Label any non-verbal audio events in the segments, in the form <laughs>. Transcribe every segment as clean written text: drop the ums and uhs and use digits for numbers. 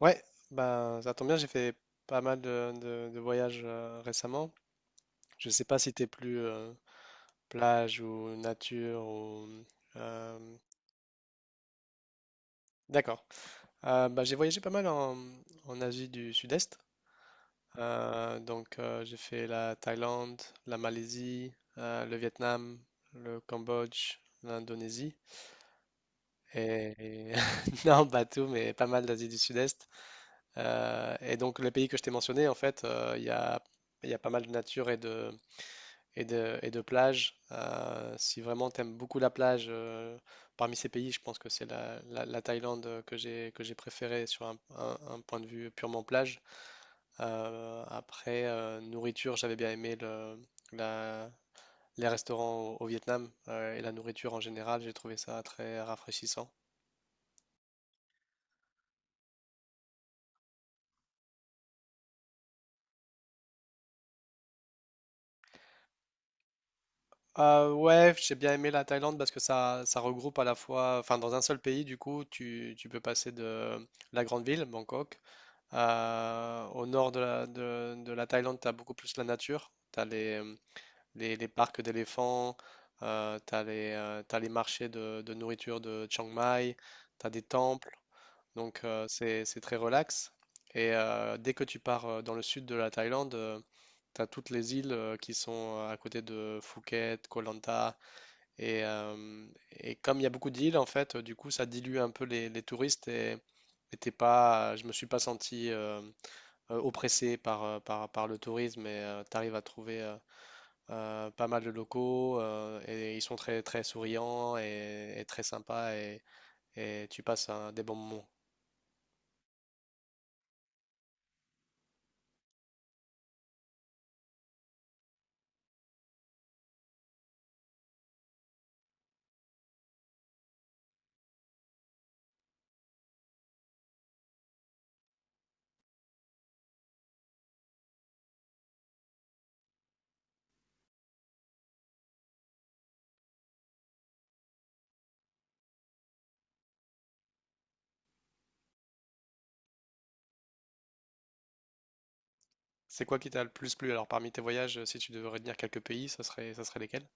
Ouais, bah ça tombe bien, j'ai fait pas mal de voyages récemment. Je sais pas si t'es plus plage ou nature ou euh, d'accord. Bah, j'ai voyagé pas mal en Asie du Sud-Est. Donc j'ai fait la Thaïlande, la Malaisie, le Vietnam, le Cambodge, l'Indonésie et, <laughs> non pas tout mais pas mal d'Asie du Sud-Est. Et donc les pays que je t'ai mentionnés en fait il y a pas mal de nature et de et de plage. Si vraiment tu aimes beaucoup la plage, parmi ces pays, je pense que c'est la Thaïlande que j'ai préférée sur un point de vue purement plage. Après nourriture, j'avais bien aimé la- les restaurants au Vietnam et la nourriture en général, j'ai trouvé ça très rafraîchissant. Ouais, j'ai bien aimé la Thaïlande parce que ça regroupe à la fois, enfin dans un seul pays, du coup, tu peux passer de la grande ville, Bangkok. Au nord de la Thaïlande, tu as beaucoup plus la nature. Tu as les parcs d'éléphants, tu as t'as les marchés de nourriture de Chiang Mai, tu as des temples. Donc, c'est très relax. Et dès que tu pars dans le sud de la Thaïlande, tu as toutes les îles qui sont à côté de Phuket, Koh Lanta. Et, euh, et comme il y a beaucoup d'îles, en fait, du coup, ça dilue un peu les touristes. Et t'es pas, je me suis pas senti, oppressé par le tourisme et tu arrives à trouver pas mal de locaux et ils sont très, très souriants et très sympas et tu passes des bons moments. C'est quoi qui t'a le plus plu? Alors parmi tes voyages, si tu devais retenir quelques pays, ça serait lesquels?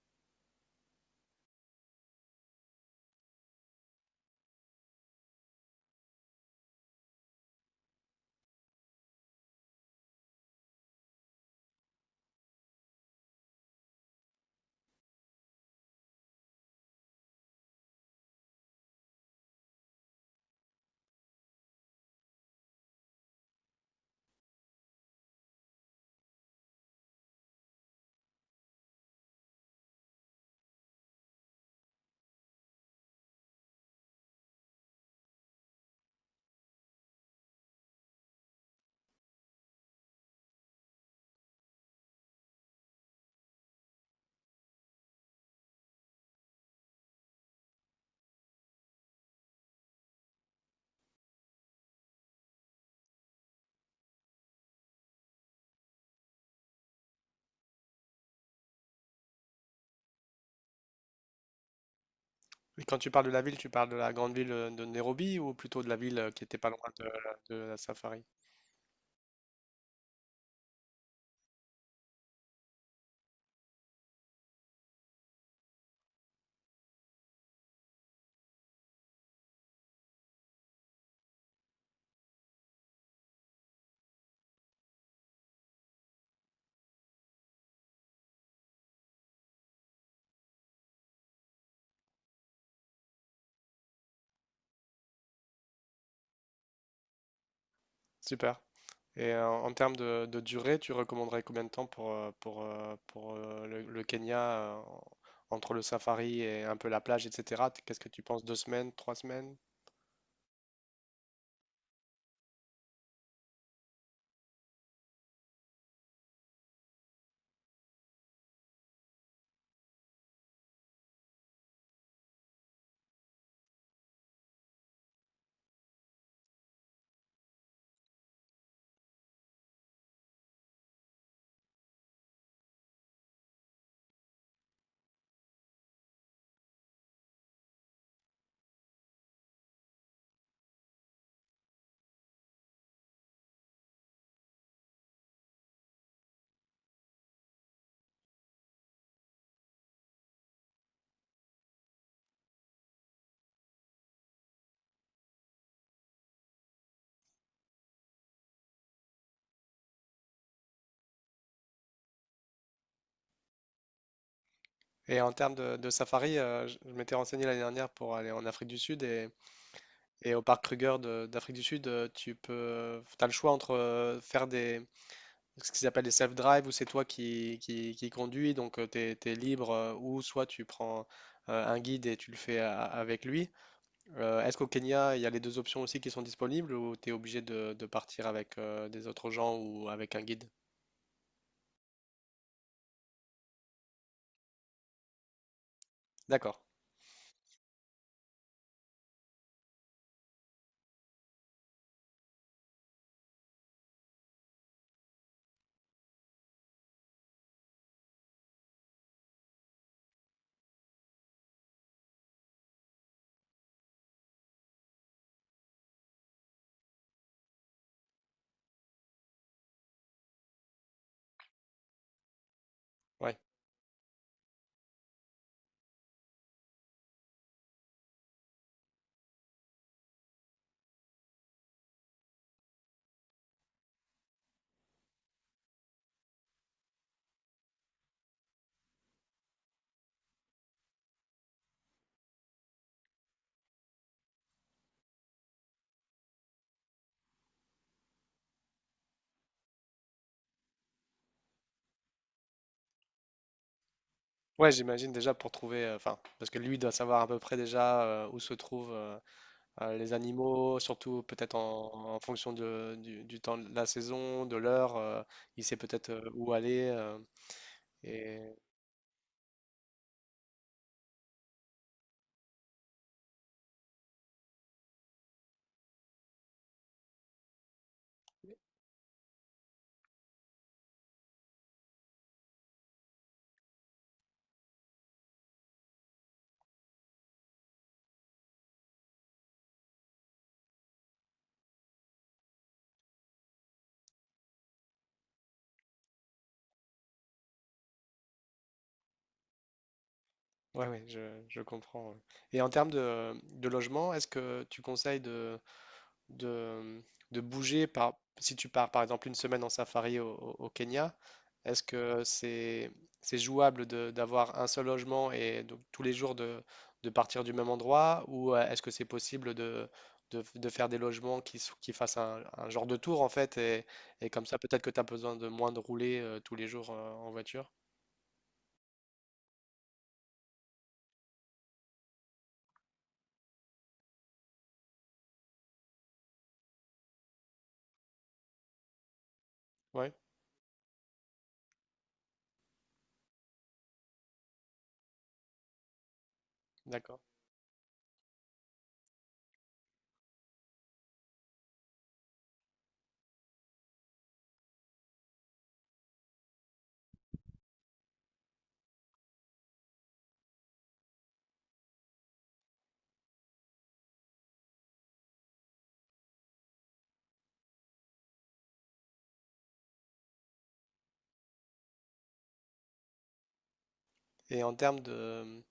Et quand tu parles de la ville, tu parles de la grande ville de Nairobi ou plutôt de la ville qui était pas loin de la safari? Super. Et en termes de durée, tu recommanderais combien de temps pour, le Kenya, euh, entre le safari et un peu la plage, etc. Qu'est-ce que tu penses? Deux semaines, trois semaines? Et en termes de safari, je m'étais renseigné l'année dernière pour aller en Afrique du Sud et au parc Kruger d'Afrique du Sud, t'as le choix entre faire des, ce qu'ils appellent des self-drive où c'est toi qui conduis, donc tu es libre, ou soit tu prends un guide et tu le fais avec lui. Est-ce qu'au Kenya, il y a les deux options aussi qui sont disponibles ou tu es obligé de partir avec des autres gens ou avec un guide? D'accord, ouais. Ouais, j'imagine déjà pour trouver, enfin, parce que lui doit savoir à peu près déjà où se trouvent les animaux, surtout peut-être en fonction du temps de la saison, de l'heure, il sait peut-être où aller. Et ouais, ouais, je comprends. Ouais. Et en termes de logement, est-ce que tu conseilles de de, de bouger par, si tu pars par exemple une semaine en safari au Kenya, est-ce que c'est jouable d'avoir un seul logement et donc tous les jours de partir du même endroit ou est-ce que c'est possible de faire des logements qui, qui fassent un genre de tour en fait et comme ça peut-être que tu as besoin de moins de rouler tous les jours en voiture? Ouais, d'accord. Et en termes de,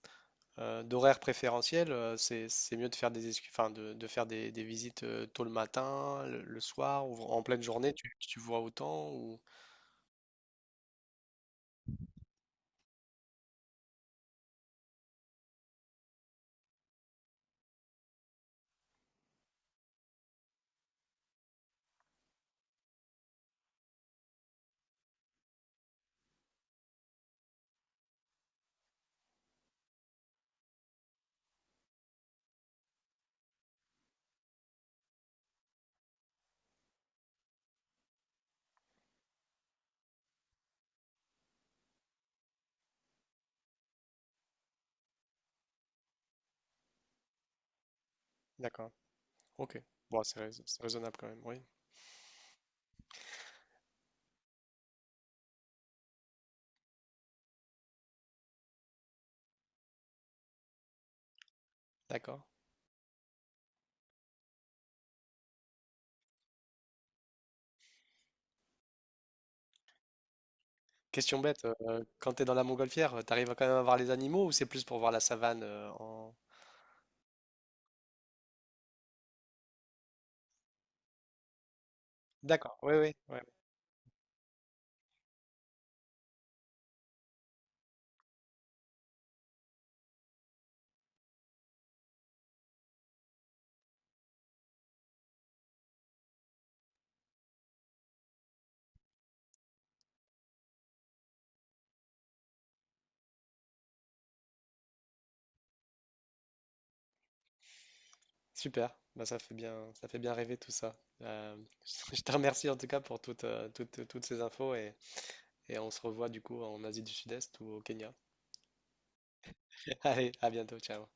d'horaire préférentiel, c'est mieux de faire des enfin, de faire des visites tôt le matin, le soir ou en pleine journée, tu vois autant ou d'accord. OK. Bon, c'est raisonnable quand même, oui. D'accord. Question bête, quand tu es dans la montgolfière, t'arrives à quand même à voir les animaux ou c'est plus pour voir la savane en... D'accord. Oui, oui, oui. Super. Bah, ça fait bien rêver tout ça. Euh, <laughs> je te remercie en tout cas pour toutes, toutes, toutes ces infos et on se revoit du coup en Asie du Sud-Est ou au Kenya. <laughs> Allez, à bientôt, ciao.